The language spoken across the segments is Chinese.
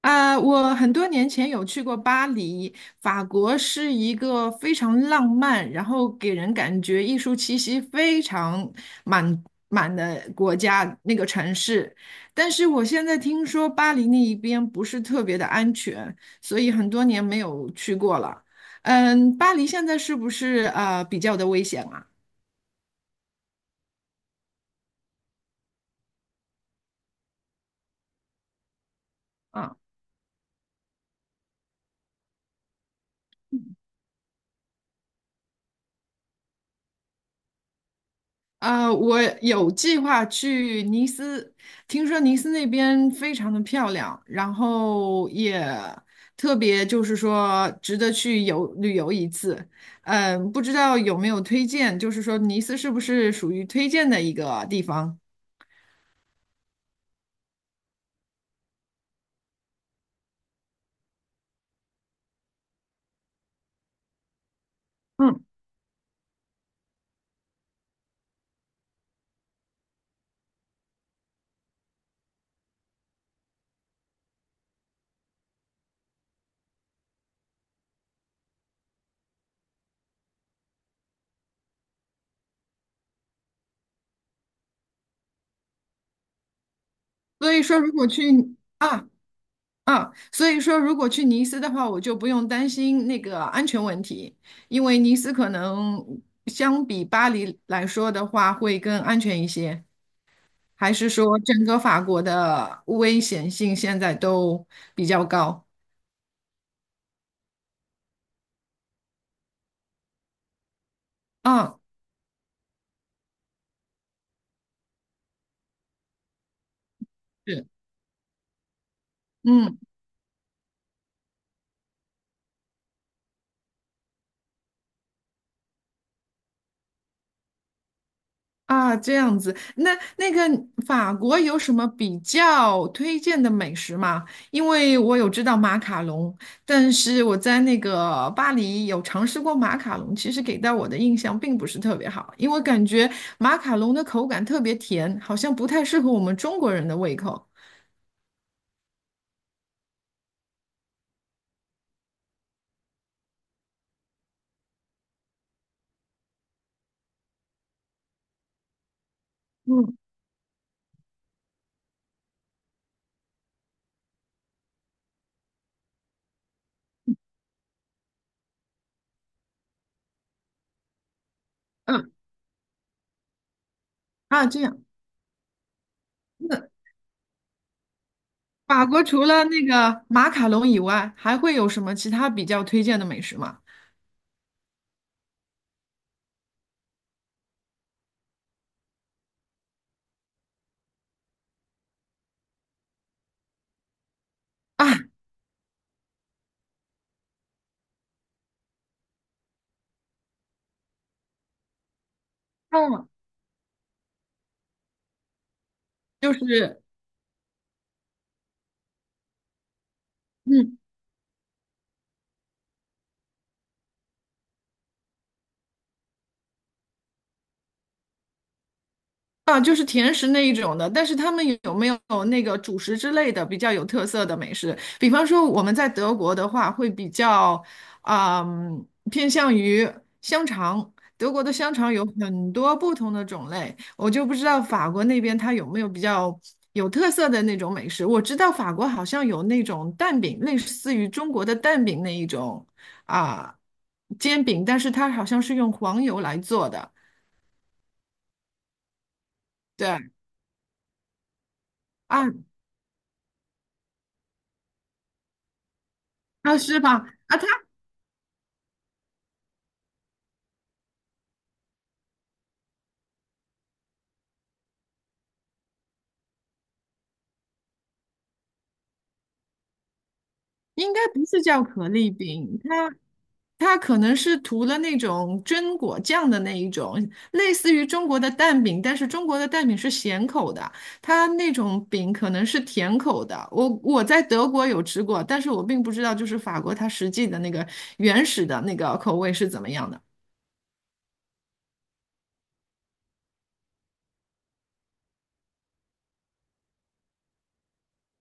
啊，我很多年前有去过巴黎，法国是一个非常浪漫，然后给人感觉艺术气息非常满满的国家，那个城市。但是我现在听说巴黎那一边不是特别的安全，所以很多年没有去过了。嗯，巴黎现在是不是比较的危险啊？啊我有计划去尼斯，听说尼斯那边非常的漂亮，然后也特别就是说值得去游旅游一次。嗯，不知道有没有推荐，就是说尼斯是不是属于推荐的一个地方？嗯，所以说，如果去啊啊，所以说如果去尼斯的话，我就不用担心那个安全问题，因为尼斯可能相比巴黎来说的话，会更安全一些。还是说整个法国的危险性现在都比较高？啊，是，嗯，啊，这样子。那个法国有什么比较推荐的美食吗？因为我有知道马卡龙，但是我在那个巴黎有尝试过马卡龙，其实给到我的印象并不是特别好，因为我感觉马卡龙的口感特别甜，好像不太适合我们中国人的胃口。嗯嗯，啊，这样。那。法国除了那个马卡龙以外，还会有什么其他比较推荐的美食吗？啊，让我就是，嗯，啊，就是甜食那一种的，但是他们有没有那个主食之类的比较有特色的美食？比方说我们在德国的话，会比较，嗯，偏向于香肠。德国的香肠有很多不同的种类，我就不知道法国那边它有没有比较有特色的那种美食。我知道法国好像有那种蛋饼，类似于中国的蛋饼那一种啊，煎饼，但是它好像是用黄油来做的。对啊啊，是吧？啊，它应该不是叫可丽饼，它可能是涂了那种榛果酱的那一种，类似于中国的蛋饼，但是中国的蛋饼是咸口的，它那种饼可能是甜口的。我在德国有吃过，但是我并不知道就是法国它实际的那个原始的那个口味是怎么样的。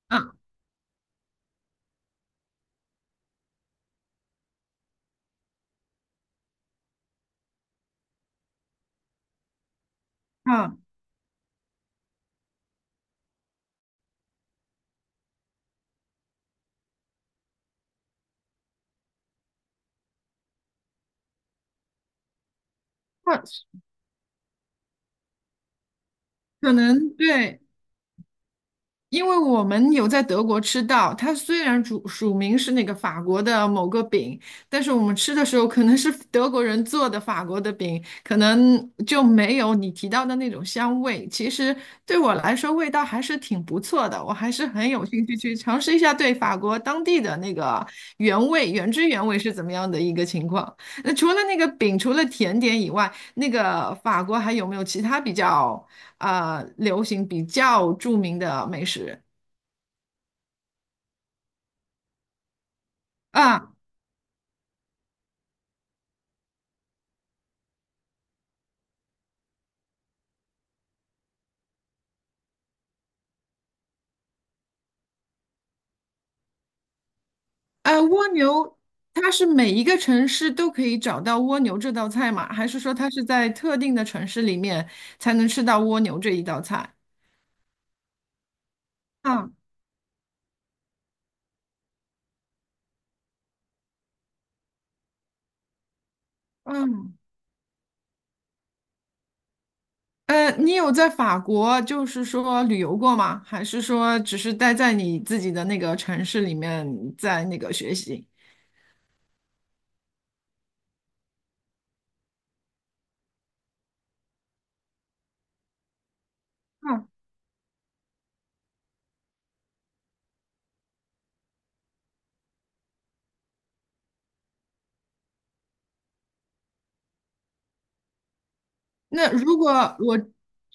嗯嗯，或可能对。因为我们有在德国吃到，它虽然主署名是那个法国的某个饼，但是我们吃的时候可能是德国人做的法国的饼，可能就没有你提到的那种香味。其实对我来说，味道还是挺不错的，我还是很有兴趣去尝试一下对法国当地的那个原味、原汁原味是怎么样的一个情况。那除了那个饼，除了甜点以外，那个法国还有没有其他比较？啊、流行比较著名的美食啊，蜗牛，它是每一个城市都可以找到蜗牛这道菜吗？还是说它是在特定的城市里面才能吃到蜗牛这一道菜？啊，嗯，你有在法国就是说旅游过吗？还是说只是待在你自己的那个城市里面在那个学习？啊那如果我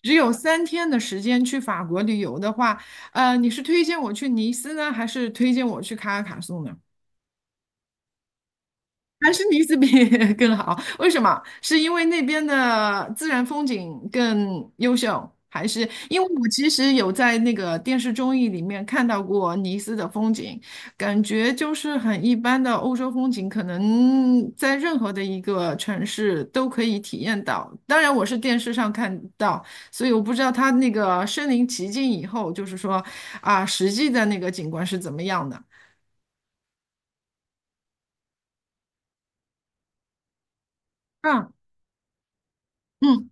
只有3天的时间去法国旅游的话，你是推荐我去尼斯呢，还是推荐我去卡拉卡颂呢？还是尼斯比 更好？为什么？是因为那边的自然风景更优秀，还是因为我其实有在那个电视综艺里面看到过尼斯的风景，感觉就是很一般的欧洲风景，可能在任何的一个城市都可以体验到。当然，我是电视上看到，所以我不知道它那个身临其境以后，就是说啊，实际的那个景观是怎么样的。嗯嗯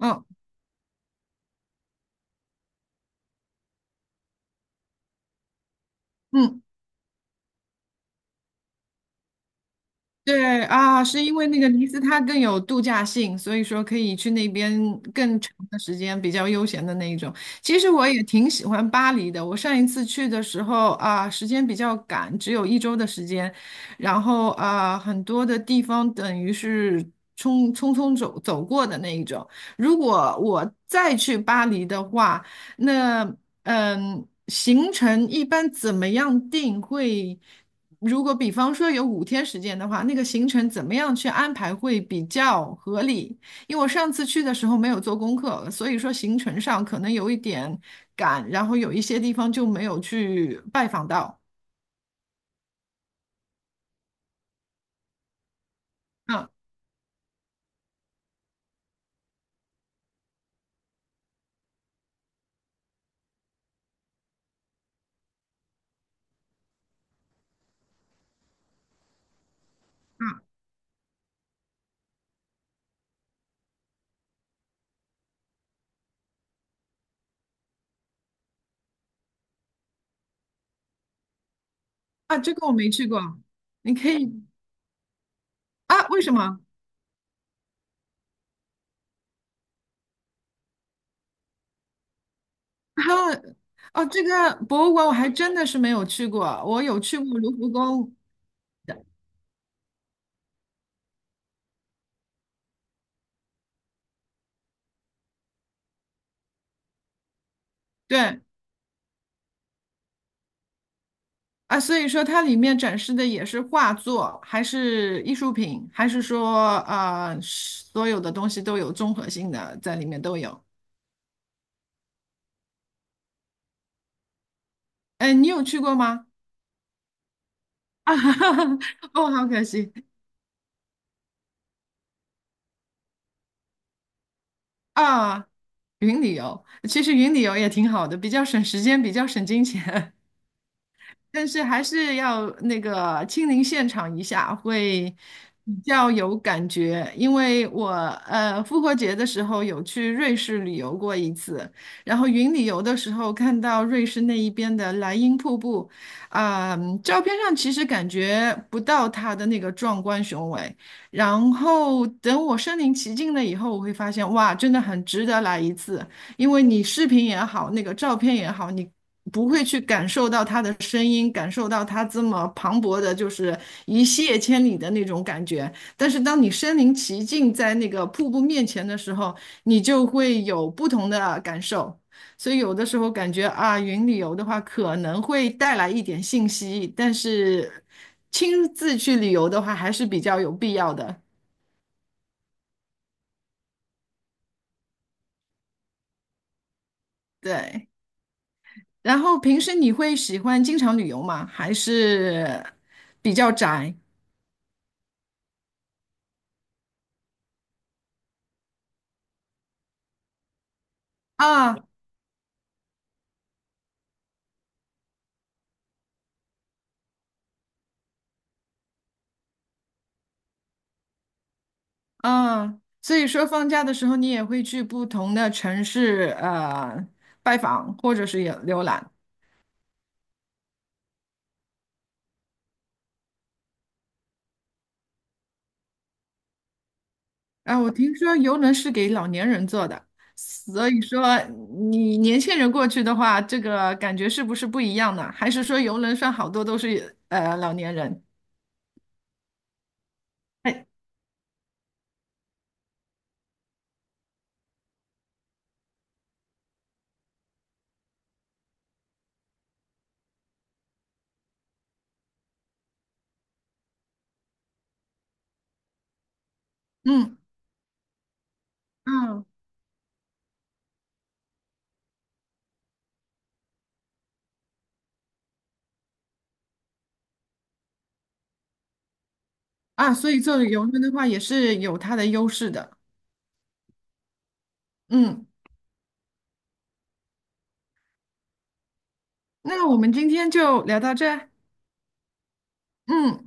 嗯嗯。对啊，是因为那个尼斯它更有度假性，所以说可以去那边更长的时间，比较悠闲的那一种。其实我也挺喜欢巴黎的，我上一次去的时候啊，时间比较赶，只有1周的时间，然后啊，很多的地方等于是匆匆走走过的那一种。如果我再去巴黎的话，那嗯，行程一般怎么样定会？如果比方说有5天时间的话，那个行程怎么样去安排会比较合理？因为我上次去的时候没有做功课，所以说行程上可能有一点赶，然后有一些地方就没有去拜访到。嗯嗯啊，这个我没去过，你可以啊？为什么？啊哦，这个博物馆我还真的是没有去过，我有去过卢浮宫，对，啊，所以说它里面展示的也是画作，还是艺术品，还是说所有的东西都有综合性的在里面都有。哎，你有去过吗？啊，哦，好可惜啊，云旅游，其实云旅游也挺好的，比较省时间，比较省金钱。但是还是要那个亲临现场一下，会比较有感觉。因为我复活节的时候有去瑞士旅游过一次，然后云旅游的时候看到瑞士那一边的莱茵瀑布，啊、照片上其实感觉不到它的那个壮观雄伟。然后等我身临其境了以后，我会发现哇，真的很值得来一次。因为你视频也好，那个照片也好，你不会去感受到他的声音，感受到他这么磅礴的，就是一泻千里的那种感觉。但是当你身临其境在那个瀑布面前的时候，你就会有不同的感受。所以有的时候感觉啊，云旅游的话可能会带来一点信息，但是亲自去旅游的话还是比较有必要的。对，然后平时你会喜欢经常旅游吗？还是比较宅？啊，嗯，所以说放假的时候，你也会去不同的城市拜访或者是也浏览。啊，我听说游轮是给老年人坐的，所以说你年轻人过去的话，这个感觉是不是不一样呢？还是说游轮上好多都是老年人？嗯嗯啊，所以坐游轮的话也是有它的优势的。嗯，那我们今天就聊到这儿嗯。